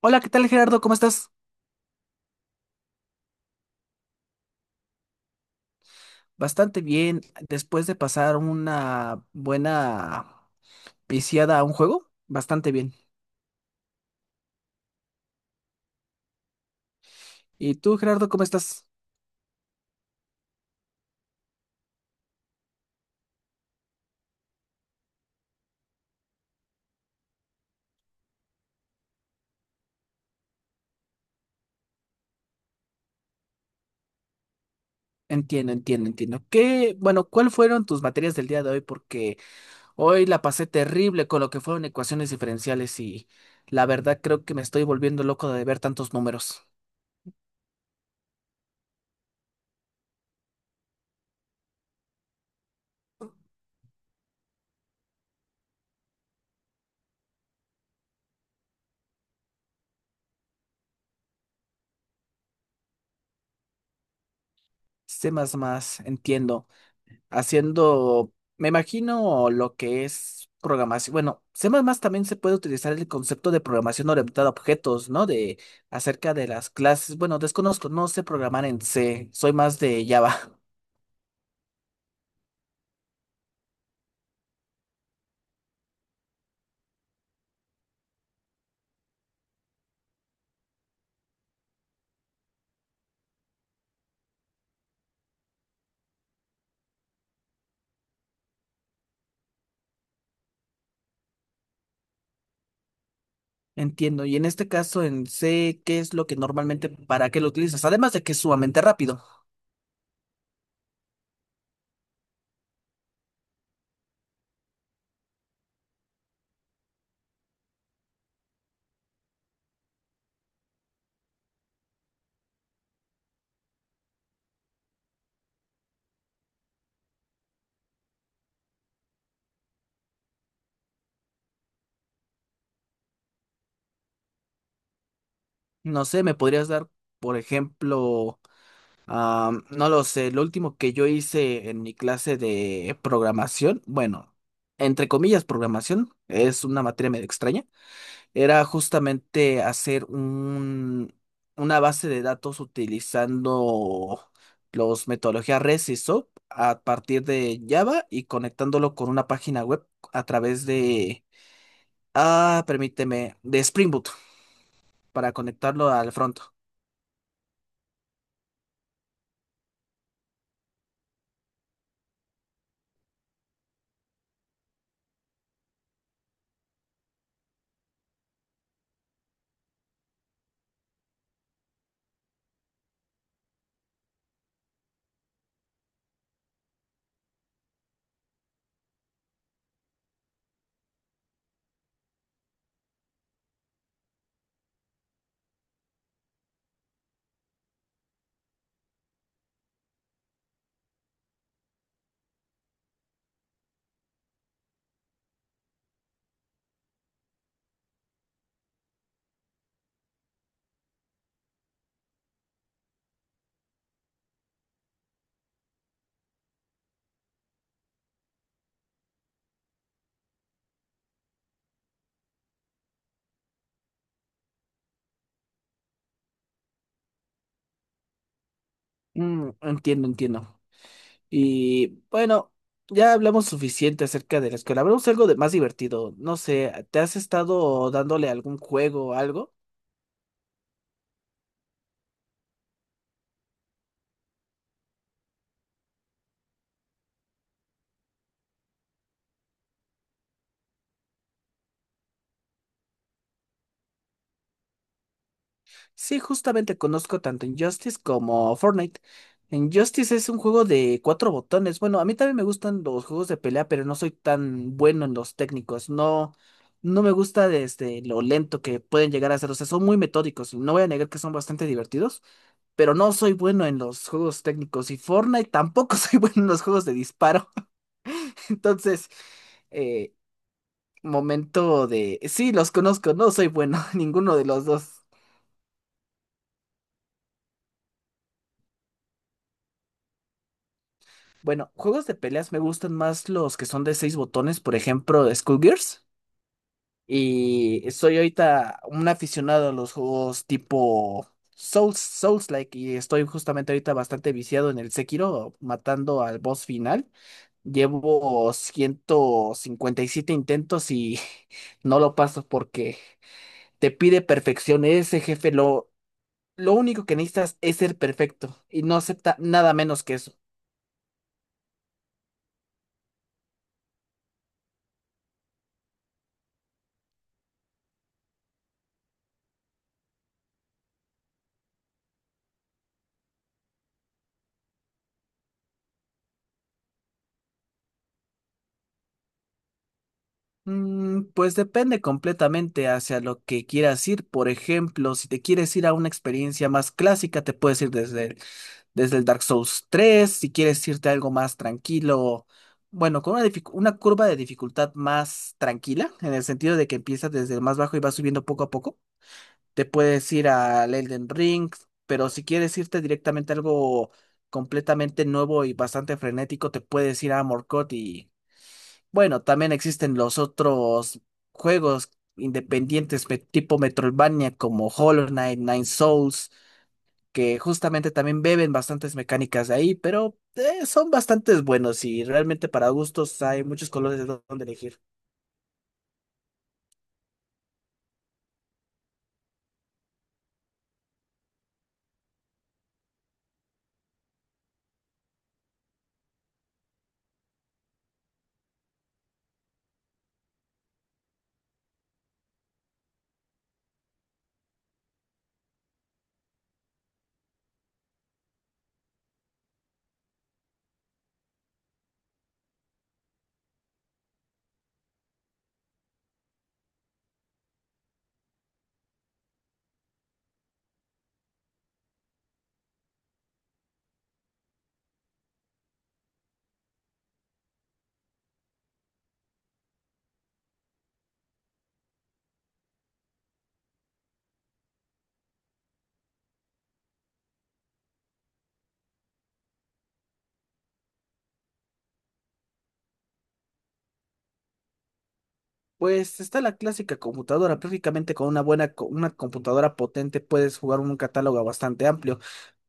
Hola, ¿qué tal, Gerardo? ¿Cómo estás? Bastante bien, después de pasar una buena viciada a un juego, bastante bien. ¿Y tú, Gerardo, cómo estás? Entiendo, entiendo, entiendo. ¿Qué, bueno, cuál fueron tus materias del día de hoy? Porque hoy la pasé terrible con lo que fueron ecuaciones diferenciales y la verdad creo que me estoy volviendo loco de ver tantos números. Sé más, más, entiendo. Haciendo, me imagino lo que es programación. Bueno, C++ también se puede utilizar el concepto de programación orientada a objetos, ¿no? De acerca de las clases. Bueno, desconozco, no sé programar en C, soy más de Java. Entiendo. Y en este caso en C, ¿qué es lo que normalmente, para qué lo utilizas? Además de que es sumamente rápido. No sé, ¿me podrías dar, por ejemplo, ah, no lo sé, lo último que yo hice en mi clase de programación, bueno, entre comillas programación, es una materia medio extraña, era justamente hacer un, una base de datos utilizando los metodologías REST y SOAP a partir de Java y conectándolo con una página web a través de, permíteme, de Spring Boot para conectarlo al front. Mm, entiendo, entiendo. Y bueno, ya hablamos suficiente acerca de la escuela. Hablamos algo de más divertido. No sé, ¿te has estado dándole algún juego o algo? Sí, justamente conozco tanto Injustice como Fortnite. Injustice es un juego de cuatro botones. Bueno, a mí también me gustan los juegos de pelea, pero no soy tan bueno en los técnicos. No, no me gusta desde lo lento que pueden llegar a ser. O sea, son muy metódicos. No voy a negar que son bastante divertidos, pero no soy bueno en los juegos técnicos. Y Fortnite tampoco soy bueno en los juegos de disparo. Entonces, eh, momento de. Sí, los conozco, no soy bueno, ninguno de los dos. Bueno, juegos de peleas me gustan más los que son de seis botones, por ejemplo, Skullgirls. Y soy ahorita un aficionado a los juegos tipo Souls, Souls-like, y estoy justamente ahorita bastante viciado en el Sekiro, matando al boss final. Llevo 157 intentos y no lo paso porque te pide perfección. Ese jefe lo. Lo único que necesitas es ser perfecto y no acepta nada menos que eso. Mm, pues depende completamente hacia lo que quieras ir. Por ejemplo, si te quieres ir a una experiencia más clásica, te puedes ir desde el Dark Souls 3. Si quieres irte a algo más tranquilo, bueno, con una curva de dificultad más tranquila, en el sentido de que empiezas desde el más bajo y vas subiendo poco a poco. Te puedes ir al Elden Ring, pero si quieres irte directamente a algo completamente nuevo y bastante frenético, te puedes ir a Morcot, y bueno, también existen los otros juegos independientes tipo Metroidvania como Hollow Knight, Nine Souls, que justamente también beben bastantes mecánicas de ahí, pero son bastantes buenos y realmente para gustos hay muchos colores de dónde elegir. Pues está la clásica computadora, prácticamente con una computadora potente puedes jugar un catálogo bastante amplio.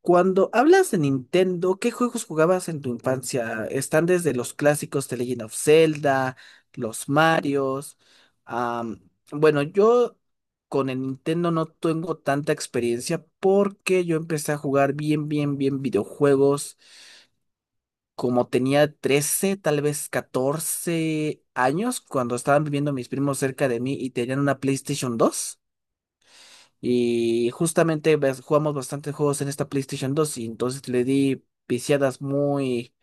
Cuando hablas de Nintendo, ¿qué juegos jugabas en tu infancia? Están desde los clásicos de Legend of Zelda, los Marios. am, bueno yo con el Nintendo no tengo tanta experiencia porque yo empecé a jugar bien, bien, bien videojuegos como tenía 13, tal vez 14 años, cuando estaban viviendo mis primos cerca de mí y tenían una PlayStation 2. Y justamente jugamos bastantes juegos en esta PlayStation 2 y entonces le di viciadas muy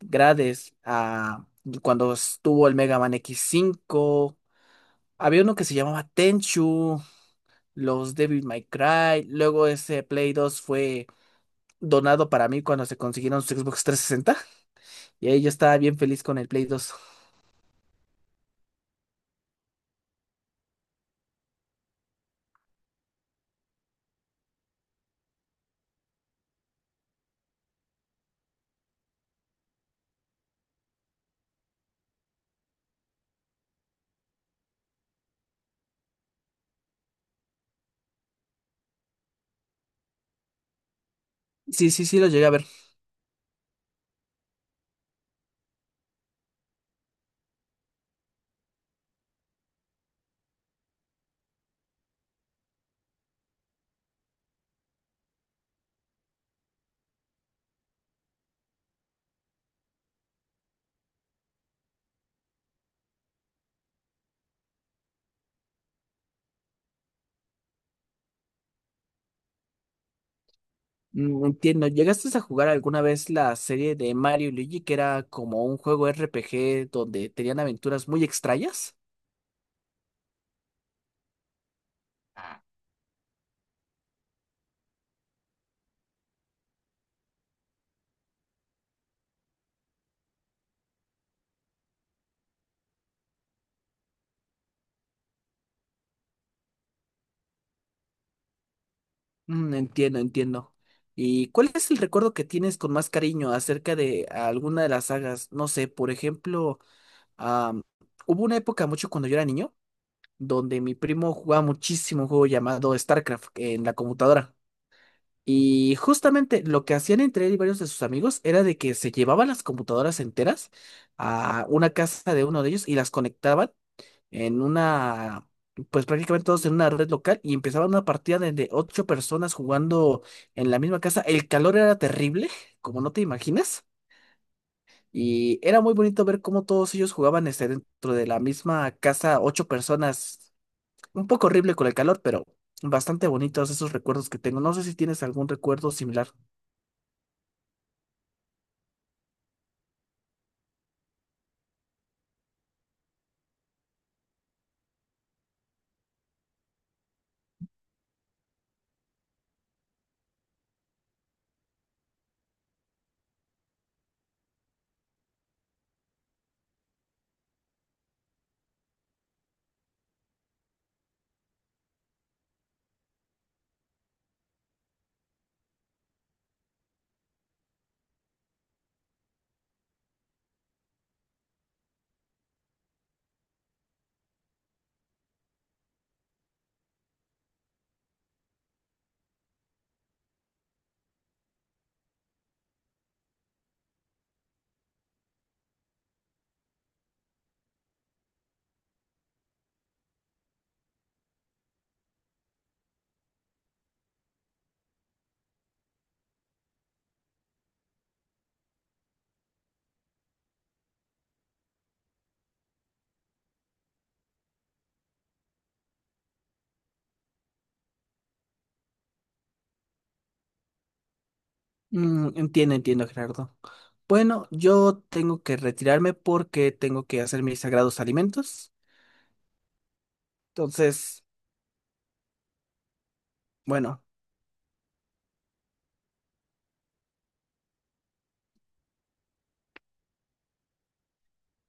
grandes a cuando estuvo el Mega Man x 5. Había uno que se llamaba Tenchu, los Devil May Cry. Luego ese Play 2 fue donado para mí cuando se consiguieron su Xbox 360, y ahí yo estaba bien feliz con el Play 2. Sí, sí, sí, lo llegué a ver. Mm, entiendo. ¿Llegaste a jugar alguna vez la serie de Mario y Luigi, que era como un juego RPG donde tenían aventuras muy extrañas? Mm, entiendo, entiendo. ¿Y cuál es el recuerdo que tienes con más cariño acerca de alguna de las sagas? No sé, por ejemplo, am, hubo una época mucho cuando yo era niño donde mi primo jugaba muchísimo un juego llamado StarCraft en la computadora. Y justamente lo que hacían entre él y varios de sus amigos era de que se llevaban las computadoras enteras a una casa de uno de ellos y las conectaban en una, pues prácticamente todos en una red local y empezaban una partida de ocho personas jugando en la misma casa. El calor era terrible, como no te imaginas. Y era muy bonito ver cómo todos ellos jugaban, este, dentro de la misma casa, ocho personas, un poco horrible con el calor, pero bastante bonitos esos recuerdos que tengo. No sé si tienes algún recuerdo similar. Mm, entiendo, entiendo, Gerardo. Bueno, yo tengo que retirarme porque tengo que hacer mis sagrados alimentos. Entonces, bueno,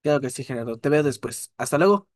claro que sí, Gerardo. Te veo después. Hasta luego.